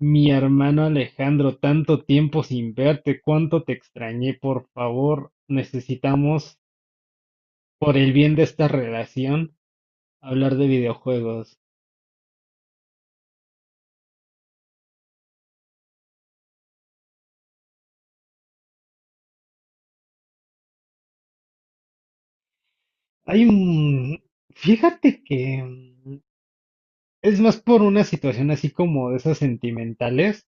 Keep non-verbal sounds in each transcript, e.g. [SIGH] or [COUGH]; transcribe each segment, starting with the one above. Mi hermano Alejandro, tanto tiempo sin verte, cuánto te extrañé, por favor, necesitamos, por el bien de esta relación, hablar de videojuegos. Hay un... Fíjate que Es más por una situación así como de esas sentimentales,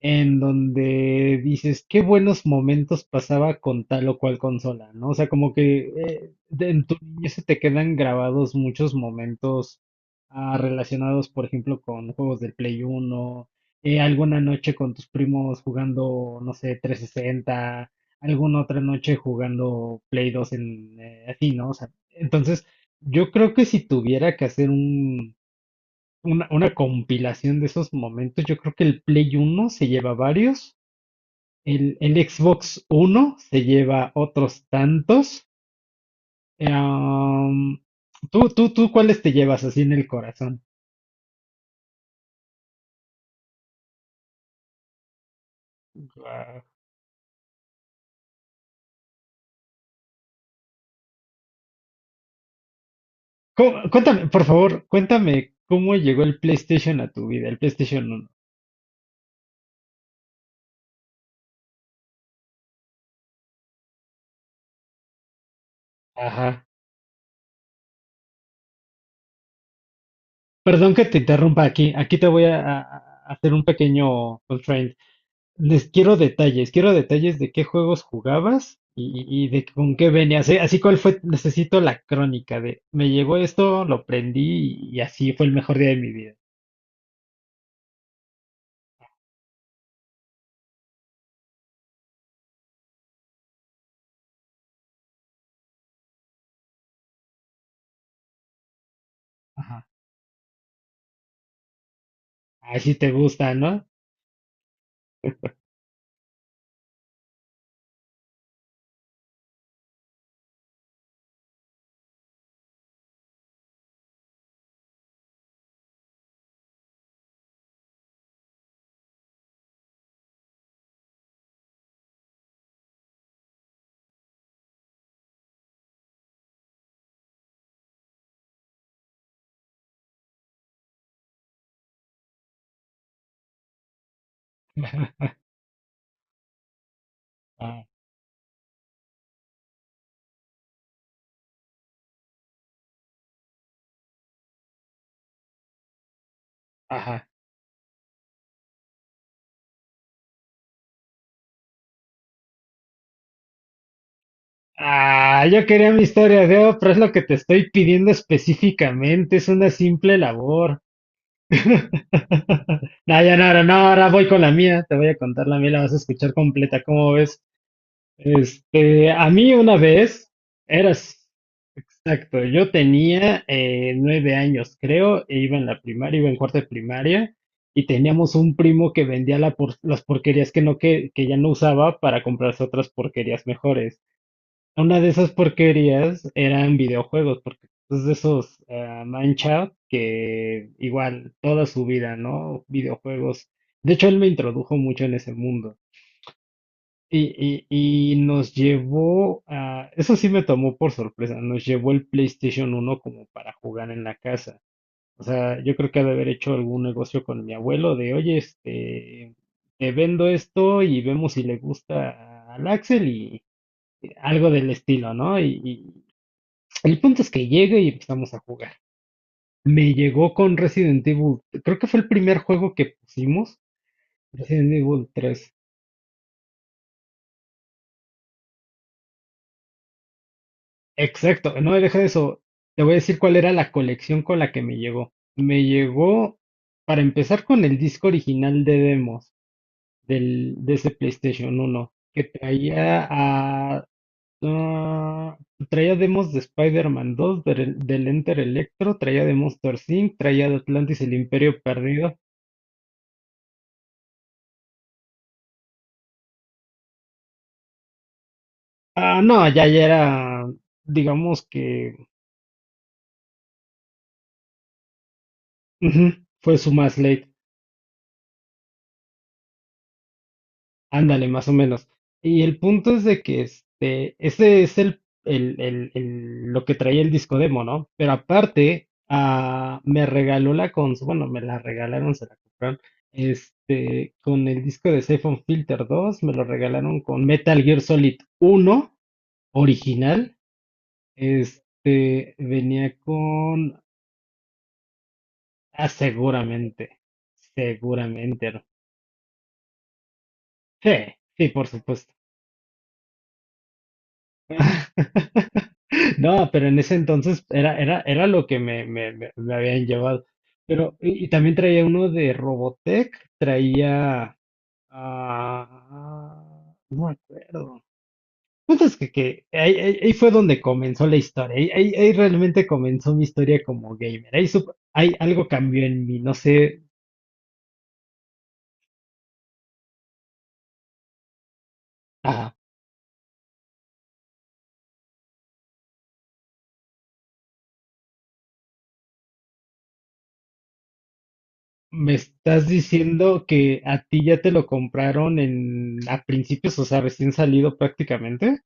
en donde dices, qué buenos momentos pasaba con tal o cual consola, ¿no? O sea, como que en tu niñez se te quedan grabados muchos momentos relacionados, por ejemplo, con juegos del Play uno. Alguna noche con tus primos jugando, no sé, 360. Alguna otra noche jugando Play 2 en, así, ¿no? O sea, entonces, yo creo que si tuviera que hacer una compilación de esos momentos. Yo creo que el Play uno se lleva varios, el Xbox 1 se lleva otros tantos. Eh, um, ¿Cuáles te llevas así en el corazón? Ah, Cuéntame, por favor, cuéntame cómo llegó el PlayStation a tu vida, el PlayStation uno. Ajá. Perdón que te interrumpa aquí. Aquí te voy a hacer un pequeño constraint. Les quiero detalles de qué juegos jugabas y de con qué venías. ¿Eh? Así cuál fue, necesito la crónica de me llegó esto, lo prendí y, así fue el mejor día de mi vida. Ajá. Así te gusta, ¿no? [LAUGHS] Ah, ajá. Ah, yo quería mi historia de oh, pero es lo que te estoy pidiendo específicamente, es una simple labor. [LAUGHS] No, ya no, ahora no, ahora voy con la mía, te voy a contar la mía, la vas a escuchar completa, ¿cómo ves? Este, a mí una vez, eras, exacto, yo tenía 9 años, creo, e iba en la primaria, iba en cuarto de primaria, y teníamos un primo que vendía las porquerías que no, que ya no usaba para comprarse otras porquerías mejores. Una de esas porquerías eran videojuegos, porque es de esos mancha que igual toda su vida, ¿no? Videojuegos. De hecho, él me introdujo mucho en ese mundo. Y nos llevó eso sí me tomó por sorpresa, nos llevó el PlayStation uno como para jugar en la casa. O sea, yo creo que ha de haber hecho algún negocio con mi abuelo de, oye, este, te vendo esto y vemos si le gusta al Axel y algo del estilo, ¿no? Y el punto es que llegue y empezamos a jugar. Me llegó con Resident Evil, creo que fue el primer juego que pusimos, Resident Evil tres. Exacto, no, deja de eso. Te voy a decir cuál era la colección con la que me llegó. Me llegó, para empezar, con el disco original de demos de ese PlayStation uno que ah, traía demos de Spider-Man 2, del Enter Electro, traía de Monster Inc., traía de Atlantis el Imperio Perdido. Ah, no, ya, ya era, digamos que ujú, fue su más late. Ándale, más o menos. Y el punto es de que este, ese es lo que traía el disco demo, ¿no? Pero aparte, ah, me regaló la consola, bueno, me la regalaron, se la compraron, este, con el disco de Safe on Filter dos me lo regalaron con Metal Gear Solid uno original, este, venía con, seguramente, seguramente, ¿no? Sí, sí, por supuesto. [LAUGHS] No, pero en ese entonces era lo que me habían llevado. Pero, y también traía uno de Robotech, no me acuerdo. Punto es que, que ahí fue donde comenzó la historia. Ahí realmente comenzó mi historia como gamer. Ahí algo cambió en mí, no sé. ah, Me estás diciendo que a ti ya te lo compraron en a principios, o sea, recién salido prácticamente.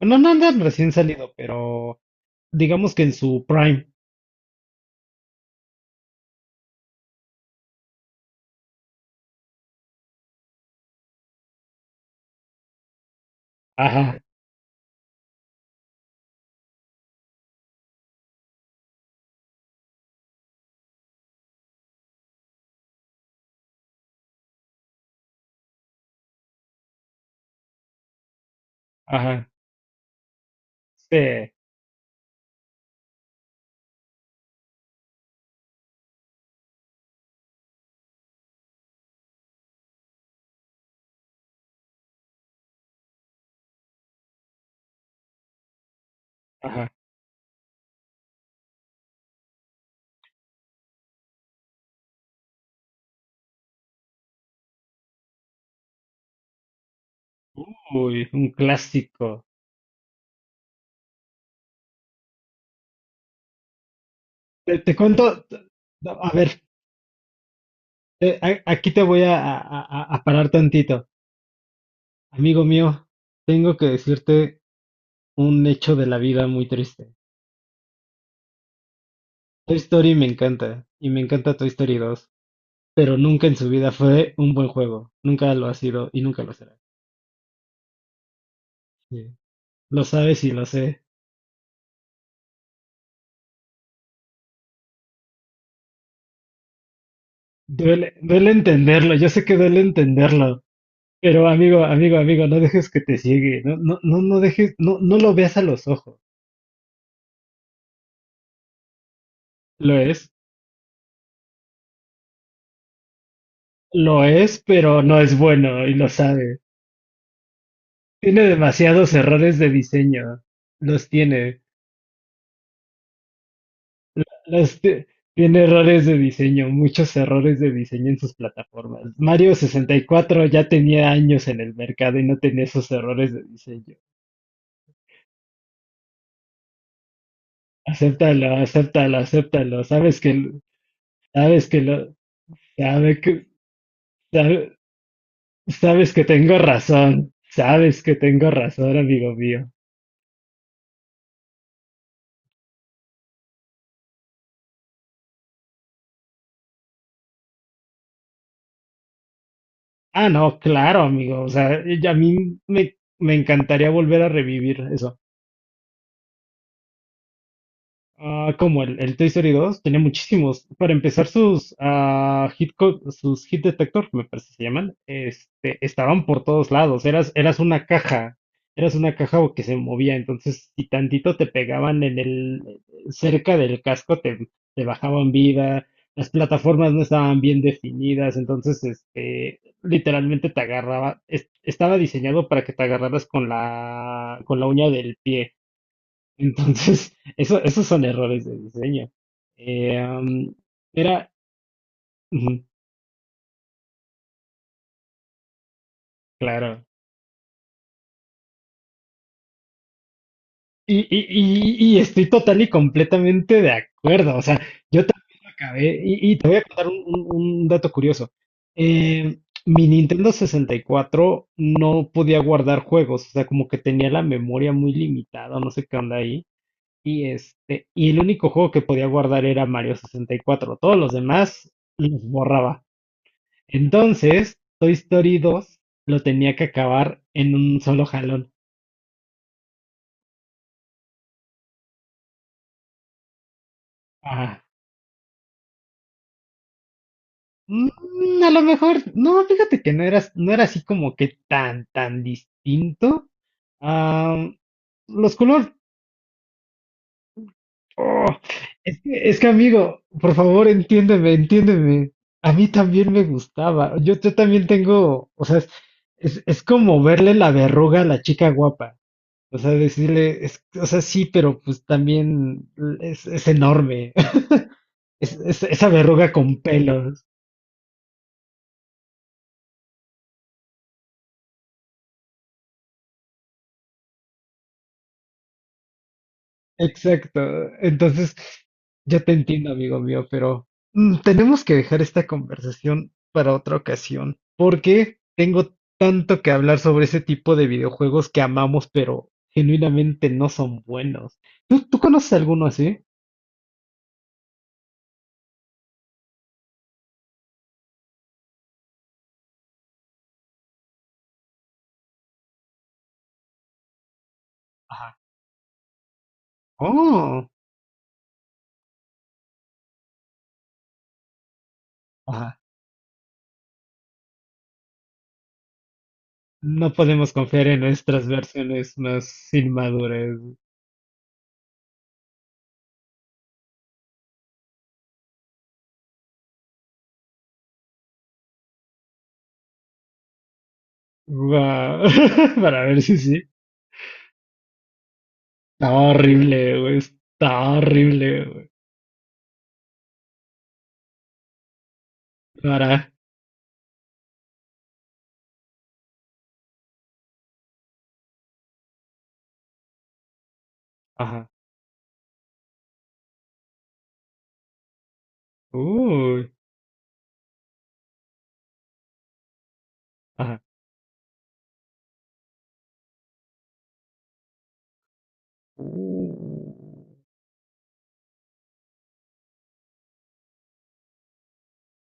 No, no, no, recién salido, pero. Digamos que en su prime. Ajá, ajá, sí, ajá. Uy, un clásico. Te cuento, a ver, aquí te voy a parar tantito. Amigo mío, tengo que decirte un hecho de la vida muy triste. Toy Story me encanta, y me encanta Toy Story dos, pero nunca en su vida fue un buen juego. Nunca lo ha sido y nunca lo será. Sí, lo sabes y lo sé. Duele, duele entenderlo, yo sé que duele entenderlo. Pero amigo, amigo, amigo, no dejes que te ciegue, no, no, no, no dejes, no, no lo veas a los ojos. Lo es, lo es, pero no es bueno y lo sabe. Tiene demasiados errores de diseño, los tiene. Los ti- Tiene errores de diseño, muchos errores de diseño en sus plataformas. Mario 64 ya tenía años en el mercado y no tenía esos errores de diseño. Acéptalo, acéptalo, acéptalo. Sabes que lo, sabe que, sabe- Sabes que tengo razón, sabes que tengo razón, amigo mío. Ah, no, claro, amigo. O sea, y a mí me encantaría volver a revivir eso. Ah, como el Toy Story 2 tenía muchísimos. Para empezar, sus hit detector, me parece que se llaman, este, estaban por todos lados. Eras una caja que se movía. Entonces, si tantito te pegaban cerca del casco, te bajaban vida. Las plataformas no estaban bien definidas. Entonces, este, literalmente te agarraba. Estaba diseñado para que te agarraras con la uña del pie. Entonces, [LAUGHS] eso, esos son errores de diseño. Eh, am, era, ujú, claro. Y estoy total y completamente de acuerdo. O sea, yo también lo acabé. Y te voy a contar un, un dato curioso. Eh, mi Nintendo 64 no podía guardar juegos. O sea, como que tenía la memoria muy limitada, no sé qué onda ahí. Y este, y el único juego que podía guardar era Mario 64. Todos los demás los borraba. Entonces, Toy Story 2 lo tenía que acabar en un solo jalón. Ah, a lo mejor, no, fíjate que no era, no era así como que tan, tan distinto. Ah, los colores, oh, es que amigo, por favor, entiéndeme, entiéndeme. A mí también me gustaba. Yo también tengo, o sea, es como verle la verruga a la chica guapa. O sea, decirle, o sea, sí, pero pues también es enorme. [LAUGHS] Esa verruga con pelos. Exacto. Entonces, yo te entiendo, amigo mío, pero tenemos que dejar esta conversación para otra ocasión, porque tengo tanto que hablar sobre ese tipo de videojuegos que amamos, pero genuinamente no son buenos. ¿Tú conoces alguno así? Ajá. Oh, ajá. No podemos confiar en nuestras versiones más inmaduras. Va- [LAUGHS] Para ver si sí. Estaba horrible, güey. Estaba horrible, güey. Para. Ajá. Uy. Ajá. Uh,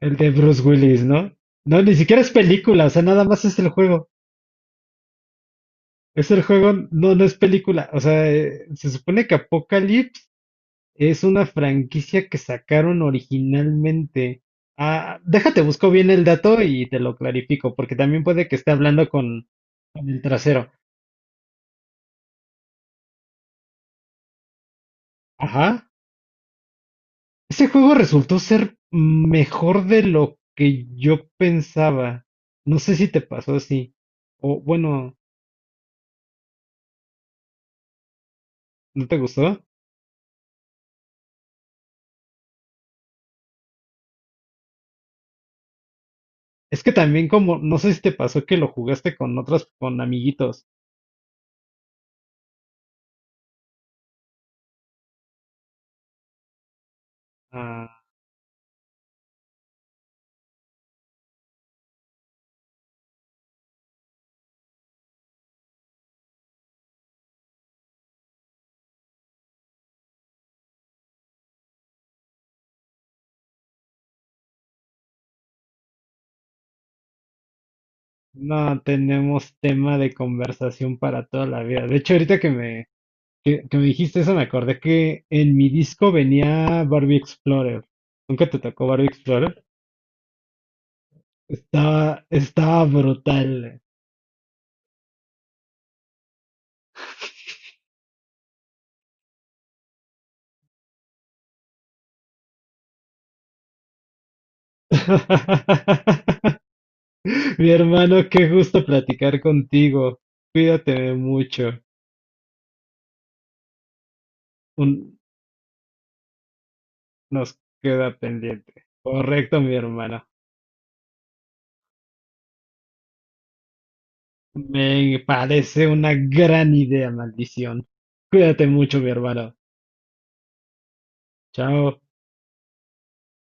El de Bruce Willis, ¿no? No, ni siquiera es película, o sea, nada más es el juego. Es el juego, no, no es película. O sea, se supone que Apocalypse es una franquicia que sacaron originalmente. Ah, déjate, busco bien el dato y te lo clarifico, porque también puede que esté hablando con el trasero. Ajá. Ese juego resultó ser mejor de lo que yo pensaba. No sé si te pasó así. O bueno, ¿no te gustó? Es que también como, no sé si te pasó que lo jugaste con otras, con amiguitos. Ah, no tenemos tema de conversación para toda la vida. De hecho, ahorita que que me dijiste eso, me acordé que en mi disco venía Barbie Explorer. ¿Nunca te tocó Barbie Explorer? Estaba brutal. [LAUGHS] Mi hermano, qué gusto platicar contigo. Cuídate mucho. Un- Nos queda pendiente. Correcto, mi hermano. Me parece una gran idea, maldición. Cuídate mucho, mi hermano. Chao.